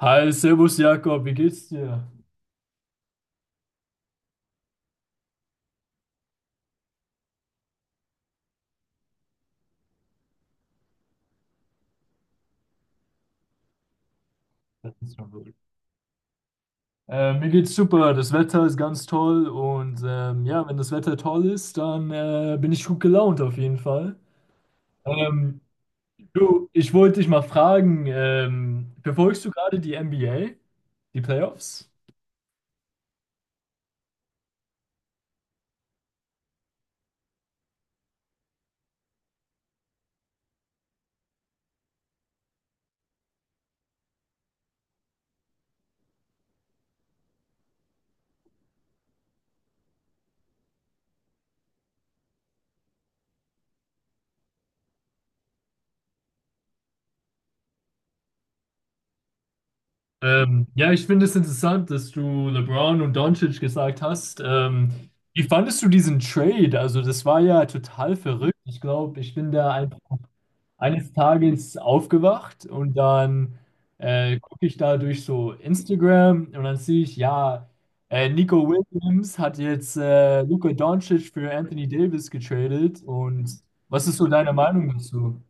Hi, Servus Jakob, wie geht's dir? Das ist schon gut. Mir geht's super, das Wetter ist ganz toll und ja, wenn das Wetter toll ist, dann bin ich gut gelaunt auf jeden Fall. Ähm, Du, ich wollte dich mal fragen, verfolgst du gerade die NBA, die Playoffs? Ja, ich finde es interessant, dass du LeBron und Doncic gesagt hast. Wie fandest du diesen Trade? Also, das war ja total verrückt. Ich glaube, ich bin da einfach eines Tages aufgewacht und dann gucke ich da durch so Instagram und dann sehe ich, ja, Nico Williams hat jetzt Luka Doncic für Anthony Davis getradet. Und was ist so deine Meinung dazu?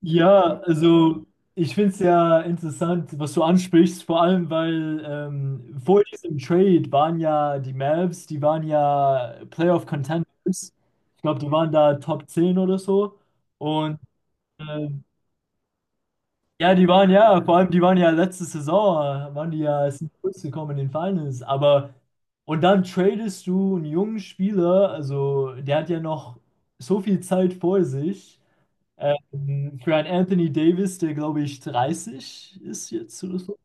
Ja, also ich finde es ja interessant, was du ansprichst, vor allem weil vor diesem Trade waren ja die Mavs, die waren ja Playoff Contenders. Ich glaube, die waren da Top 10 oder so. Und ähm, ja, die waren ja, vor allem die waren ja letzte Saison, waren die ja, sind durchgekommen in den Finals. Aber und dann tradest du einen jungen Spieler, also der hat ja noch so viel Zeit vor sich. Für einen Anthony Davis, der glaube ich 30 ist jetzt oder so.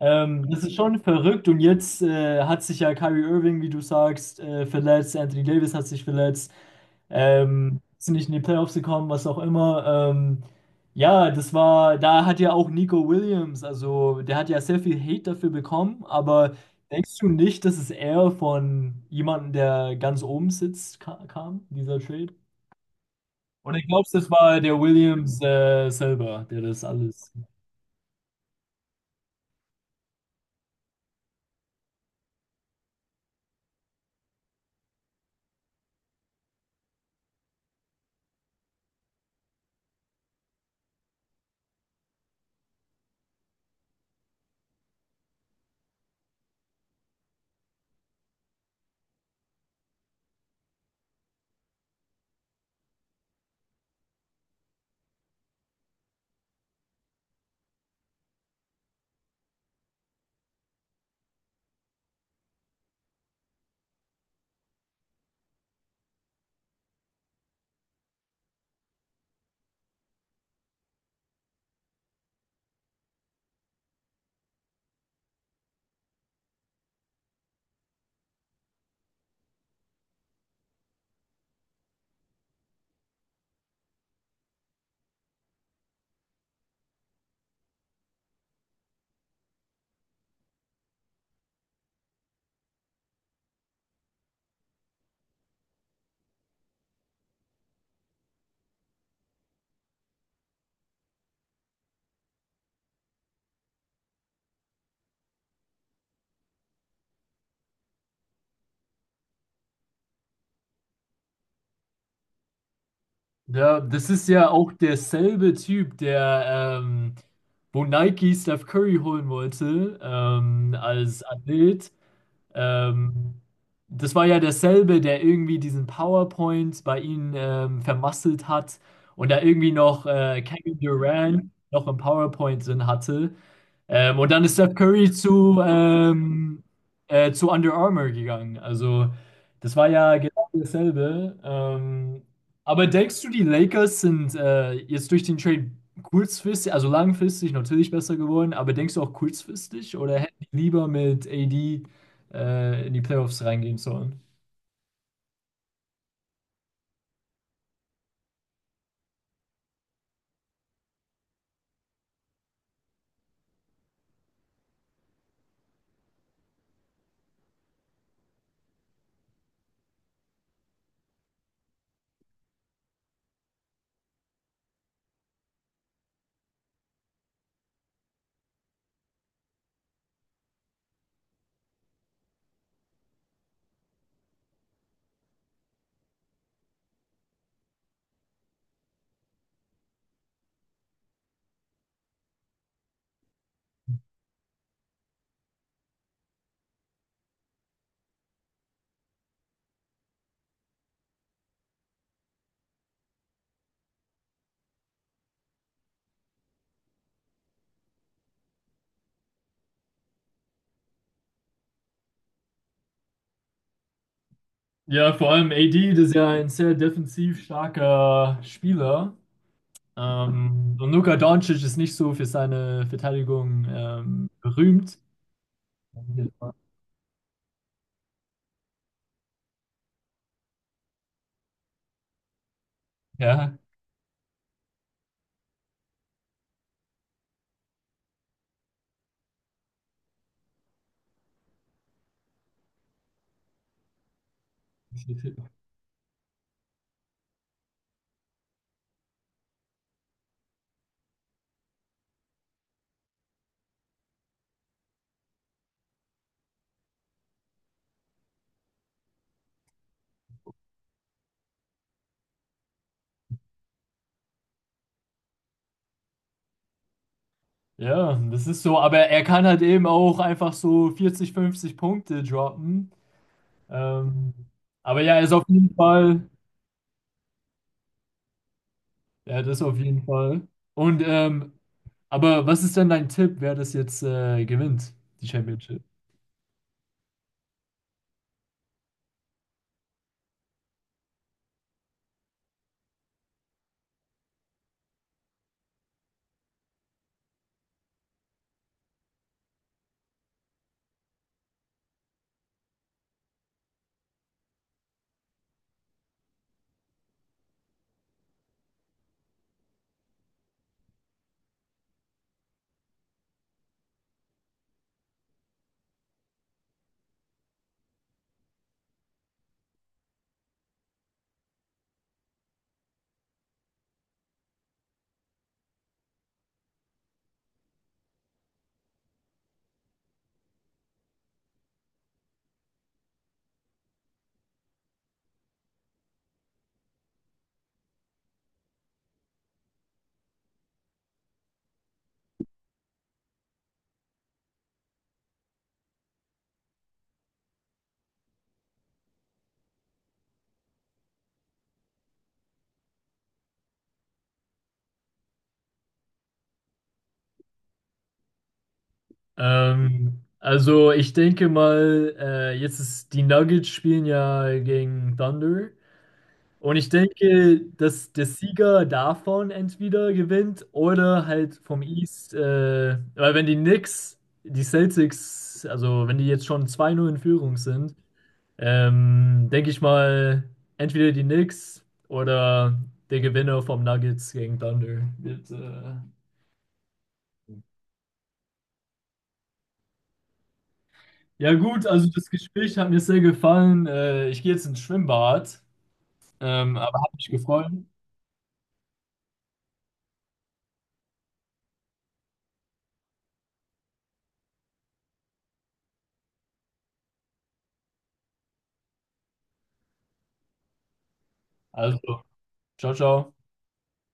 Das ist schon verrückt und jetzt hat sich ja Kyrie Irving, wie du sagst, verletzt. Anthony Davis hat sich verletzt. Sind nicht in die Playoffs gekommen, was auch immer. Ja, das war, da hat ja auch Nico Williams, also der hat ja sehr viel Hate dafür bekommen, aber denkst du nicht, dass es eher von jemandem, der ganz oben sitzt, ka kam, dieser Trade? Und ich glaube, das war der Williams selber, der das alles. Ja, das ist ja auch derselbe Typ, der, wo Nike Steph Curry holen wollte, als Athlet. Ähm, Das war ja derselbe, der irgendwie diesen PowerPoint bei ihnen vermasselt hat und da irgendwie noch Kevin Durant noch im PowerPoint drin hatte. Und dann ist Steph Curry zu Under Armour gegangen. Also, das war ja genau dasselbe. Aber denkst du, die Lakers sind jetzt durch den Trade kurzfristig, also langfristig natürlich besser geworden, aber denkst du auch kurzfristig oder hätten die lieber mit AD in die Playoffs reingehen sollen? Ja, vor allem AD, das ist ja ein sehr defensiv starker Spieler. Und Luka Doncic ist nicht so für seine Verteidigung berühmt. Ja. Ja, das ist so, aber er kann halt eben auch einfach so 40, 50 Punkte droppen. Ähm, aber ja, er ist auf jeden Fall, ja, das auf jeden Fall. Und aber was ist denn dein Tipp, wer das jetzt gewinnt, die Championship? Also ich denke mal, jetzt ist die Nuggets spielen ja gegen Thunder. Und ich denke, dass der Sieger davon entweder gewinnt oder halt vom East, weil wenn die Knicks, die Celtics, also wenn die jetzt schon 2-0 in Führung sind, denke ich mal, entweder die Knicks oder der Gewinner vom Nuggets gegen Thunder wird. Ja gut, also das Gespräch hat mir sehr gefallen. Ich gehe jetzt ins Schwimmbad, aber hat mich gefreut. Also, ciao, ciao.